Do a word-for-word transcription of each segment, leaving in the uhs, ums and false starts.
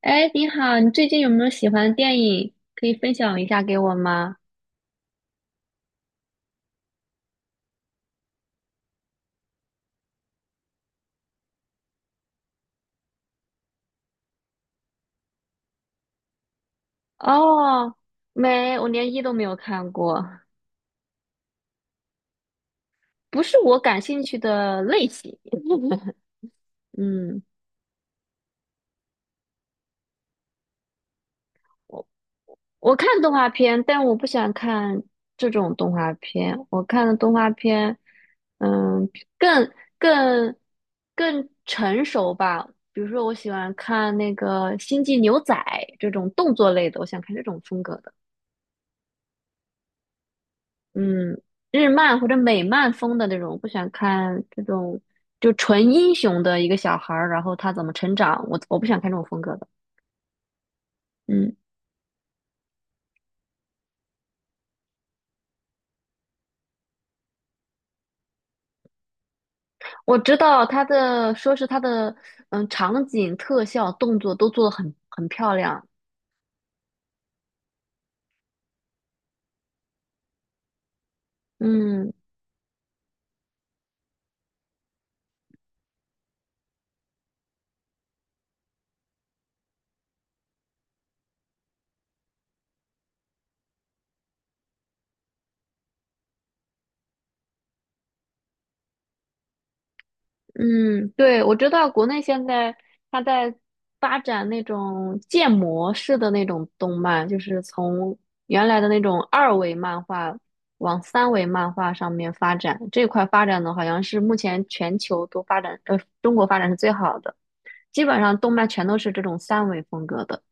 哎，你好，你最近有没有喜欢的电影可以分享一下给我吗？哦，没，我连一都没有看过，不是我感兴趣的类型。嗯，我我看动画片，但我不想看这种动画片。我看的动画片，嗯，更更更成熟吧。比如说，我喜欢看那个《星际牛仔》这种动作类的，我想看这种风格的。嗯，日漫或者美漫风的那种，不想看这种就纯英雄的一个小孩儿，然后他怎么成长，我我不想看这种风格的。嗯，我知道他的，说是他的，嗯，场景、特效、动作都做得很很漂亮。嗯，嗯，对，我知道国内现在它在发展那种建模式的那种动漫，就是从原来的那种二维漫画往三维漫画上面发展。这块发展的好像是目前全球都发展，呃，中国发展是最好的，基本上动漫全都是这种三维风格的。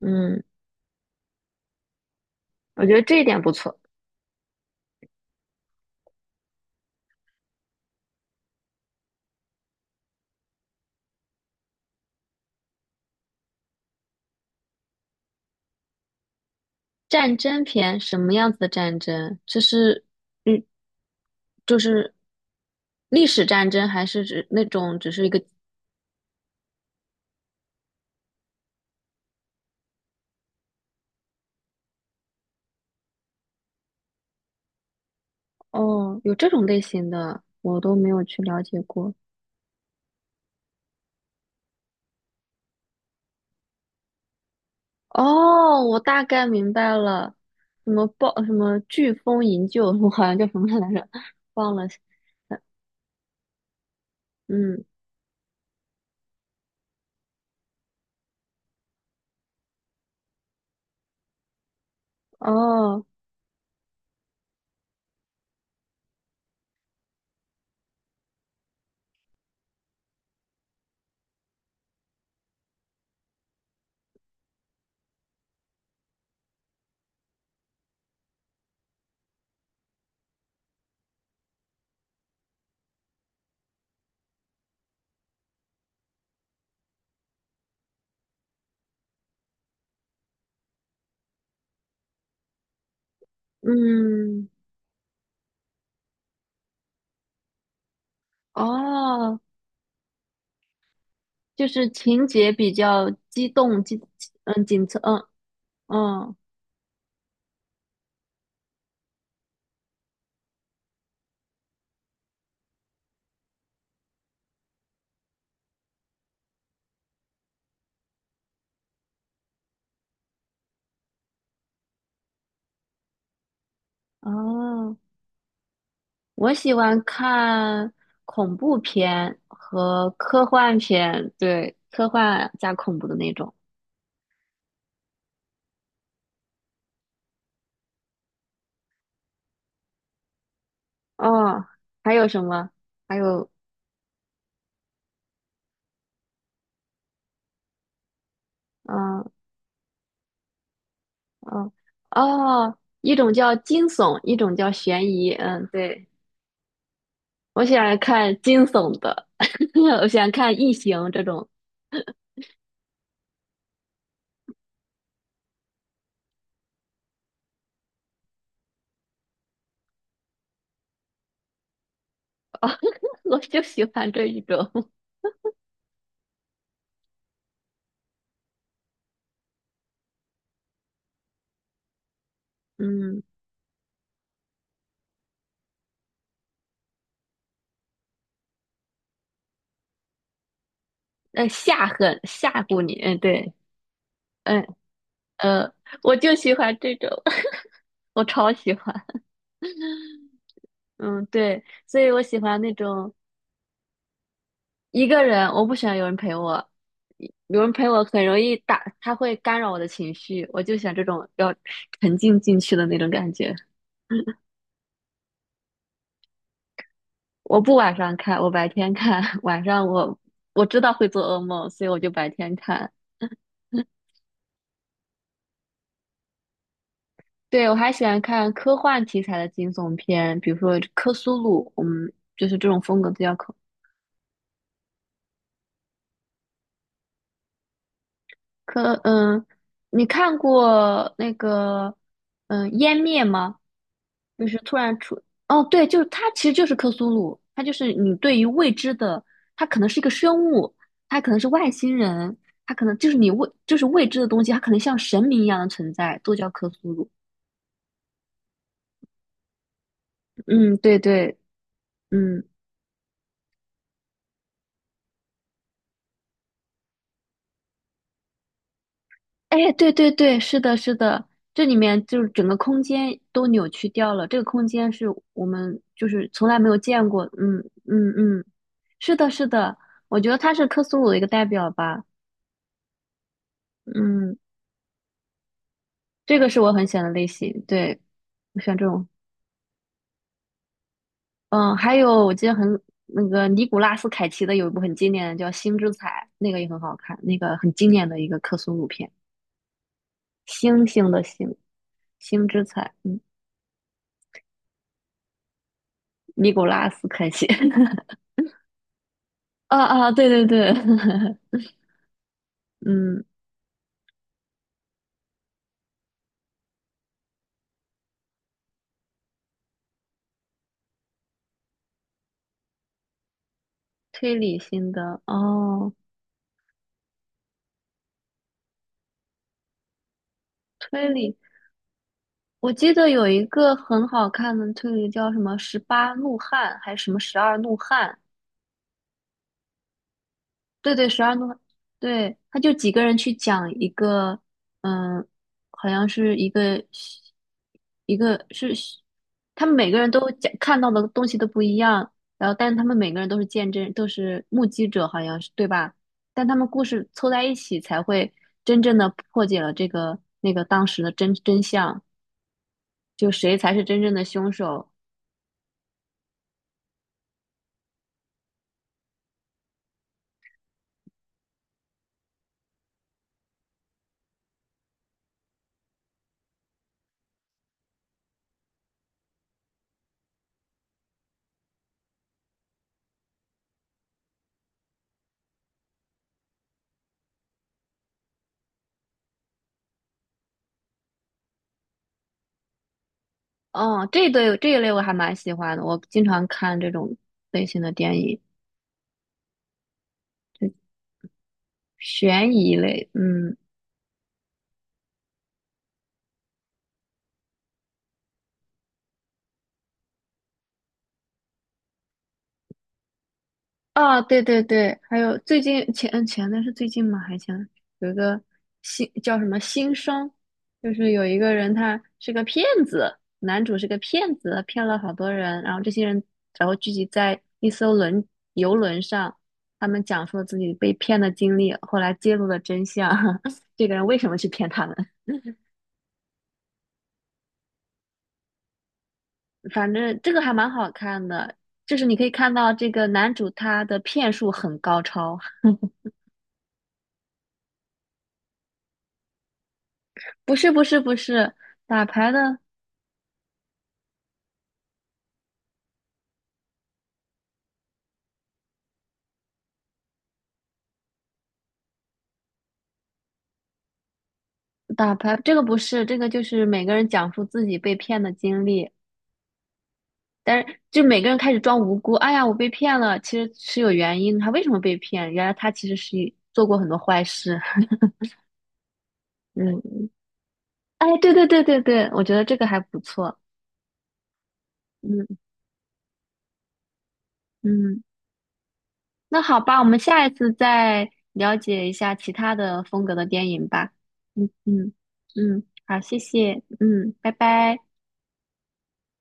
嗯，我觉得这一点不错。战争片什么样子的战争？这是，嗯，就是历史战争，还是指那种只是一个？哦，有这种类型的，我都没有去了解过。哦，我大概明白了，什么暴什么飓风营救，我好像叫什么来着，忘了。嗯，哦，嗯，哦，就是情节比较激动，激，嗯，紧凑，嗯，嗯，哦。我喜欢看恐怖片和科幻片，对，科幻加恐怖的那种。哦，还有什么？还有，嗯嗯哦，一种叫惊悚，一种叫悬疑。嗯，对，我喜欢看惊悚的，我喜欢看异形这种，哦，我就喜欢这一种。嗯，呃，吓很吓唬你。嗯，对，嗯呃，我就喜欢这种，我超喜欢。嗯，对，所以我喜欢那种一个人，我不喜欢有人陪我，有人陪我很容易打，他会干扰我的情绪，我就喜欢这种要沉浸进去的那种感觉。我不晚上看，我白天看，晚上我我知道会做噩梦，所以我就白天看。对，我还喜欢看科幻题材的惊悚片，比如说《科苏鲁》，嗯，就是这种风格比较科科。嗯，你看过那个嗯《湮灭》吗？就是突然出，哦，对，就是它其实就是克苏鲁，它就是你对于未知的，它可能是一个生物，它可能是外星人，它可能就是你未就是未知的东西，它可能像神明一样的存在，都叫克苏鲁。嗯，对对，嗯，哎，对对对，是的，是的，这里面就是整个空间都扭曲掉了，这个空间是我们就是从来没有见过，嗯嗯嗯，是的，是的，我觉得它是克苏鲁的一个代表吧，嗯。这个是我很喜欢的类型，对，我喜欢这种。嗯，还有我记得很那个尼古拉斯凯奇的有一部很经典的叫《星之彩》，那个也很好看，那个很经典的一个克苏鲁片，星星的星，星之彩，嗯，尼古拉斯凯奇，啊啊，对对对，嗯，推理型的哦，推理，我记得有一个很好看的推理叫什么《十八怒汉》还是什么《十二怒汉》，对对，十二怒汉对，他就几个人去讲一个，嗯，好像是一个一个是他们每个人都讲看到的东西都不一样，然后但是他们每个人都是见证，都是目击者，好像是对吧？但他们故事凑在一起才会真正的破解了这个那个当时的真真相，就谁才是真正的凶手。哦，这一对这一类我还蛮喜欢的，我经常看这种类型的电影。悬疑类，嗯，啊，对对对，还有最近前前段是最近吗？还前有一个新叫什么新生，就是有一个人他是个骗子，男主是个骗子，骗了好多人，然后这些人然后聚集在一艘轮游轮上，他们讲述了自己被骗的经历，后来揭露了真相，这个人为什么去骗他们？反正这个还蛮好看的，就是你可以看到这个男主他的骗术很高超，不是不是不是打牌的。打牌这个不是，这个就是每个人讲述自己被骗的经历，但是就每个人开始装无辜。哎呀，我被骗了，其实是有原因，他为什么被骗？原来他其实是一做过很多坏事。嗯，哎，对对对对对，我觉得这个还不错。嗯嗯，那好吧，我们下一次再了解一下其他的风格的电影吧。嗯嗯嗯，好，谢谢，嗯，拜拜。